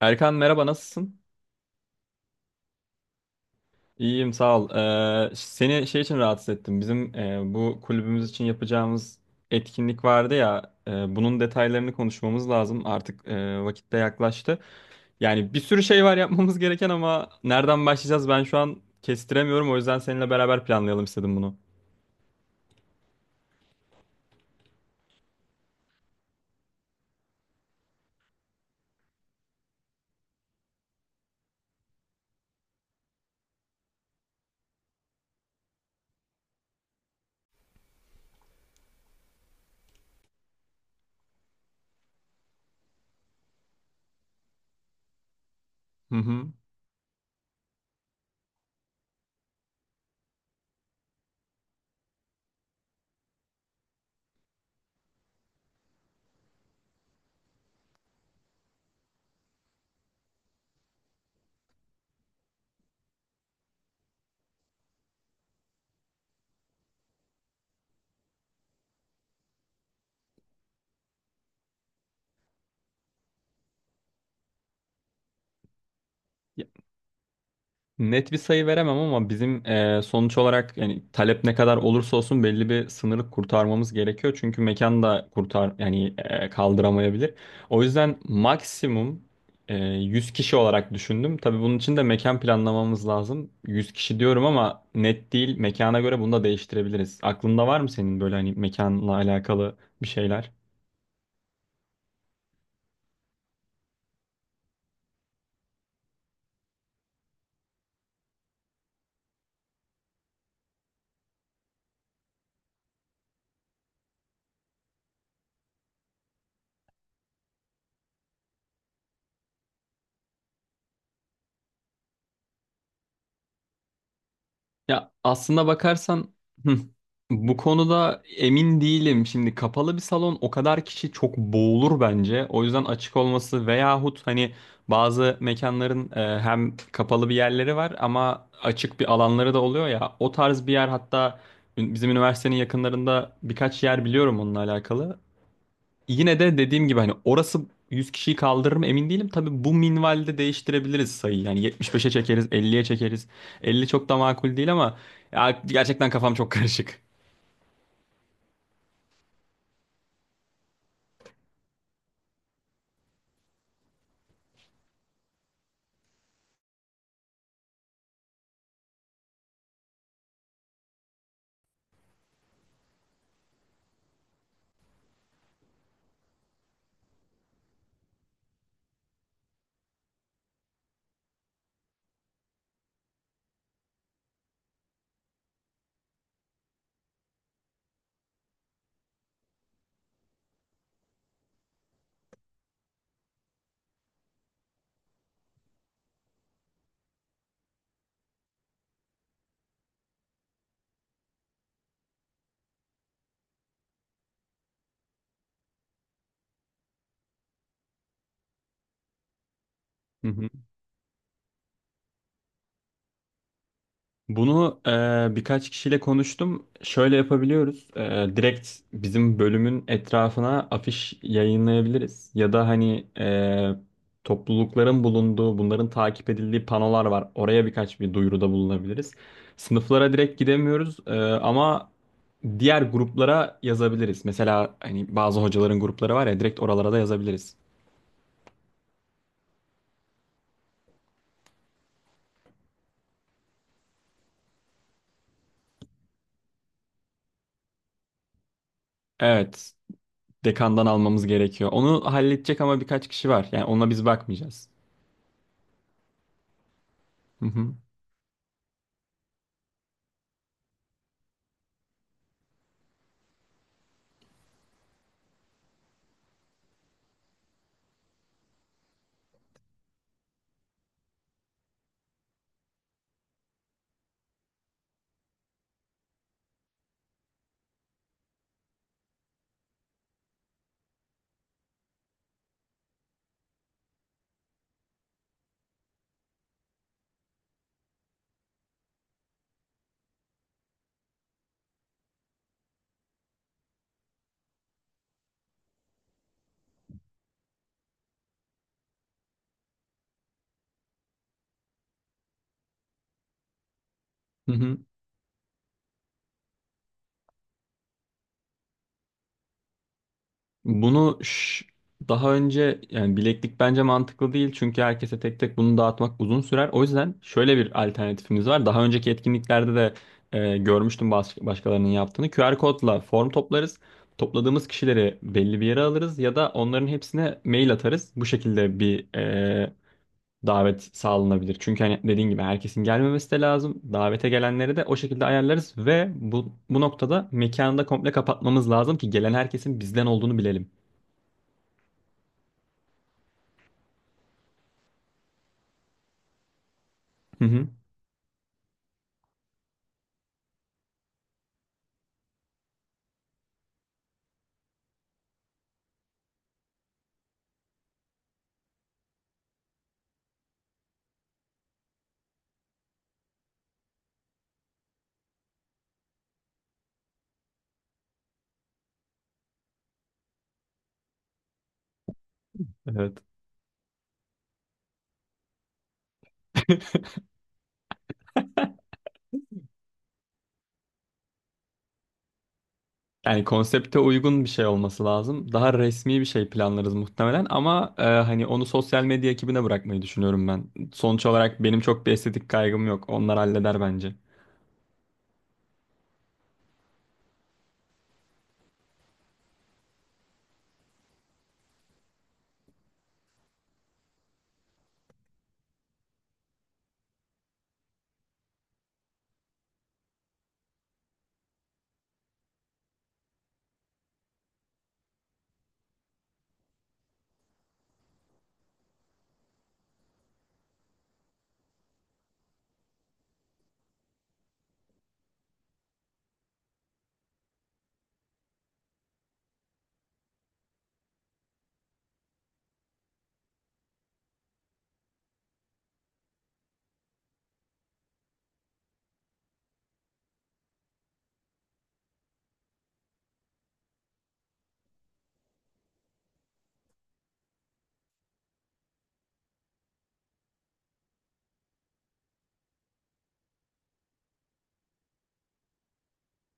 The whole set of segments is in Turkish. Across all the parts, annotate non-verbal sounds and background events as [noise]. Erkan merhaba, nasılsın? İyiyim sağ ol. Seni şey için rahatsız ettim. Bizim bu kulübümüz için yapacağımız etkinlik vardı ya. Bunun detaylarını konuşmamız lazım. Artık vakit de yaklaştı. Yani bir sürü şey var yapmamız [laughs] gereken, ama nereden başlayacağız ben şu an kestiremiyorum. O yüzden seninle beraber planlayalım istedim bunu. Hı hı. Net bir sayı veremem, ama bizim sonuç olarak yani talep ne kadar olursa olsun belli bir sınırı kurtarmamız gerekiyor. Çünkü mekan da kurtar yani kaldıramayabilir. O yüzden maksimum 100 kişi olarak düşündüm. Tabii bunun için de mekan planlamamız lazım. 100 kişi diyorum ama net değil. Mekana göre bunu da değiştirebiliriz. Aklında var mı senin böyle hani mekanla alakalı bir şeyler? Ya aslında bakarsan hı, bu konuda emin değilim. Şimdi kapalı bir salon, o kadar kişi çok boğulur bence. O yüzden açık olması veyahut hani bazı mekanların hem kapalı bir yerleri var ama açık bir alanları da oluyor ya. O tarz bir yer, hatta bizim üniversitenin yakınlarında birkaç yer biliyorum onunla alakalı. Yine de dediğim gibi hani orası 100 kişiyi kaldırır mı emin değilim. Tabii bu minvalde değiştirebiliriz sayıyı. Yani 75'e çekeriz, 50'ye çekeriz. 50 çok da makul değil ama, ya gerçekten kafam çok karışık. Hı hı. Bunu birkaç kişiyle konuştum. Şöyle yapabiliyoruz. Direkt bizim bölümün etrafına afiş yayınlayabiliriz. Ya da hani toplulukların bulunduğu, bunların takip edildiği panolar var. Oraya birkaç bir duyuruda bulunabiliriz. Sınıflara direkt gidemiyoruz ama diğer gruplara yazabiliriz. Mesela hani bazı hocaların grupları var ya, direkt oralara da yazabiliriz. Evet, dekandan almamız gerekiyor. Onu halledecek ama birkaç kişi var. Yani ona biz bakmayacağız. Hı hı. Hı hı. Bunu ş- Daha önce yani bileklik bence mantıklı değil çünkü herkese tek tek bunu dağıtmak uzun sürer. O yüzden şöyle bir alternatifimiz var. Daha önceki etkinliklerde de görmüştüm başkalarının yaptığını. QR kodla form toplarız. Topladığımız kişileri belli bir yere alırız ya da onların hepsine mail atarız. Bu şekilde bir davet sağlanabilir. Çünkü hani dediğin gibi herkesin gelmemesi de lazım. Davete gelenleri de o şekilde ayarlarız ve bu noktada mekanı da komple kapatmamız lazım ki gelen herkesin bizden olduğunu bilelim. Hı hı. Evet. [laughs] Yani konsepte uygun bir şey olması lazım. Daha resmi bir şey planlarız muhtemelen ama hani onu sosyal medya ekibine bırakmayı düşünüyorum ben. Sonuç olarak benim çok bir estetik kaygım yok. Onlar halleder bence.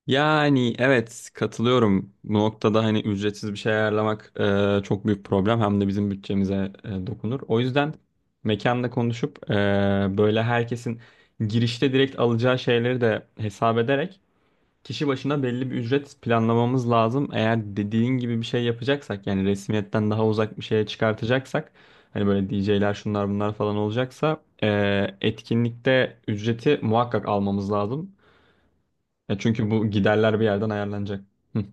Yani evet, katılıyorum. Bu noktada hani ücretsiz bir şey ayarlamak çok büyük problem. Hem de bizim bütçemize dokunur. O yüzden mekanla konuşup böyle herkesin girişte direkt alacağı şeyleri de hesap ederek kişi başına belli bir ücret planlamamız lazım. Eğer dediğin gibi bir şey yapacaksak, yani resmiyetten daha uzak bir şeye çıkartacaksak, hani böyle DJ'ler şunlar bunlar falan olacaksa etkinlikte ücreti muhakkak almamız lazım. Ya çünkü bu giderler bir yerden ayarlanacak. Hı.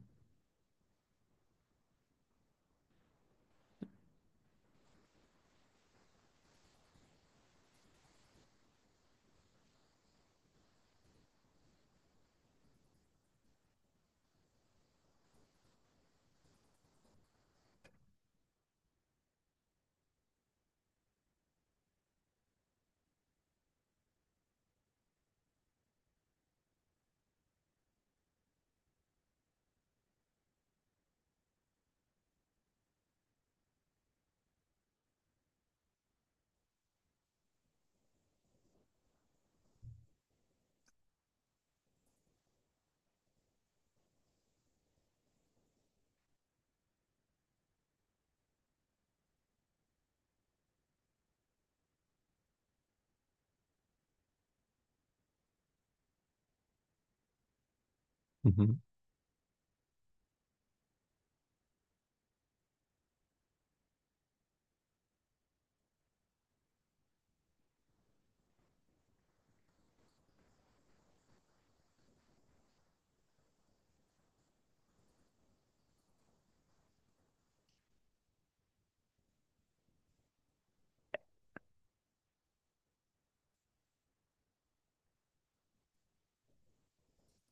Hı hı.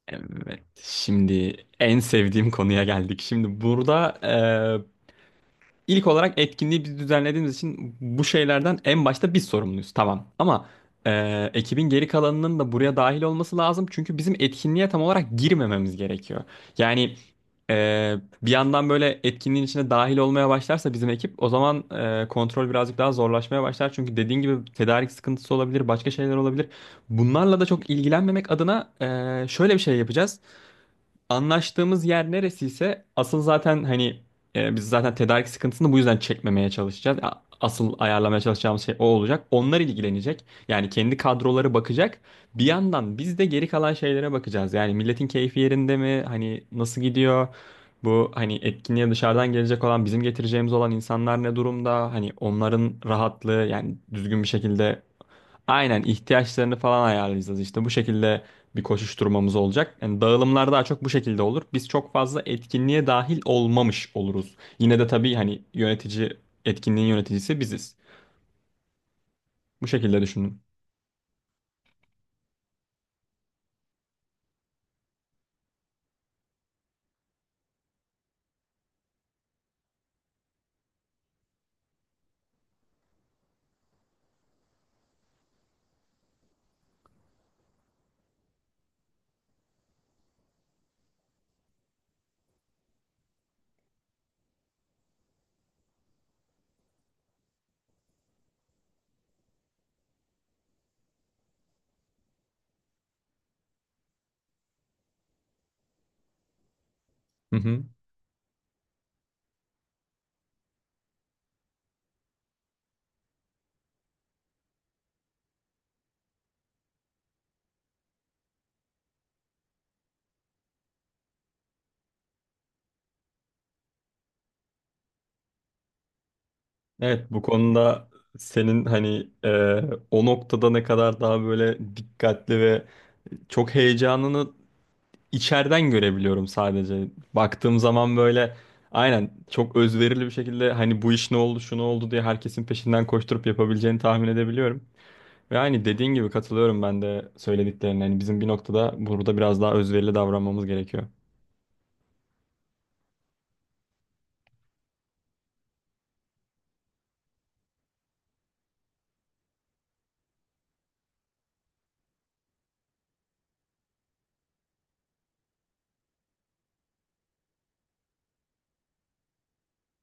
Evet, şimdi en sevdiğim konuya geldik. Şimdi burada İlk olarak etkinliği biz düzenlediğimiz için bu şeylerden en başta biz sorumluyuz. Tamam. Ama ekibin geri kalanının da buraya dahil olması lazım. Çünkü bizim etkinliğe tam olarak girmememiz gerekiyor. Yani e, bir yandan böyle etkinliğin içine dahil olmaya başlarsa bizim ekip, o zaman kontrol birazcık daha zorlaşmaya başlar. Çünkü dediğin gibi tedarik sıkıntısı olabilir, başka şeyler olabilir. Bunlarla da çok ilgilenmemek adına şöyle bir şey yapacağız. Anlaştığımız yer neresiyse asıl zaten hani biz zaten tedarik sıkıntısını bu yüzden çekmemeye çalışacağız. Asıl ayarlamaya çalışacağımız şey o olacak. Onlar ilgilenecek. Yani kendi kadroları bakacak. Bir yandan biz de geri kalan şeylere bakacağız. Yani milletin keyfi yerinde mi? Hani nasıl gidiyor? Bu hani etkinliğe dışarıdan gelecek olan, bizim getireceğimiz olan insanlar ne durumda? Hani onların rahatlığı yani düzgün bir şekilde. Aynen, ihtiyaçlarını falan ayarlayacağız işte bu şekilde bir koşuşturmamız olacak. Yani dağılımlar daha çok bu şekilde olur. Biz çok fazla etkinliğe dahil olmamış oluruz. Yine de tabii hani yönetici, etkinliğin yöneticisi biziz. Bu şekilde düşünün. Hı hı. Evet, bu konuda senin hani o noktada ne kadar daha böyle dikkatli ve çok heyecanını içeriden görebiliyorum sadece. Baktığım zaman böyle aynen çok özverili bir şekilde hani bu iş ne oldu, şu ne oldu diye herkesin peşinden koşturup yapabileceğini tahmin edebiliyorum. Ve aynı dediğin gibi katılıyorum ben de söylediklerine. Yani bizim bir noktada burada biraz daha özverili davranmamız gerekiyor.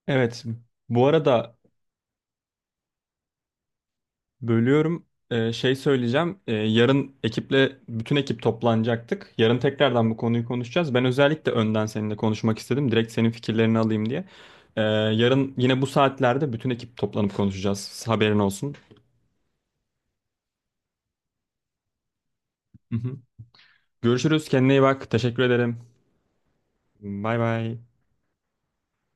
Evet, bu arada bölüyorum. Şey söyleyeceğim. Yarın ekiple, bütün ekip toplanacaktık. Yarın tekrardan bu konuyu konuşacağız. Ben özellikle önden seninle konuşmak istedim. Direkt senin fikirlerini alayım diye. Yarın yine bu saatlerde bütün ekip toplanıp konuşacağız. Haberin olsun. Hı hı. Görüşürüz. Kendine iyi bak. Teşekkür ederim. Bay bay.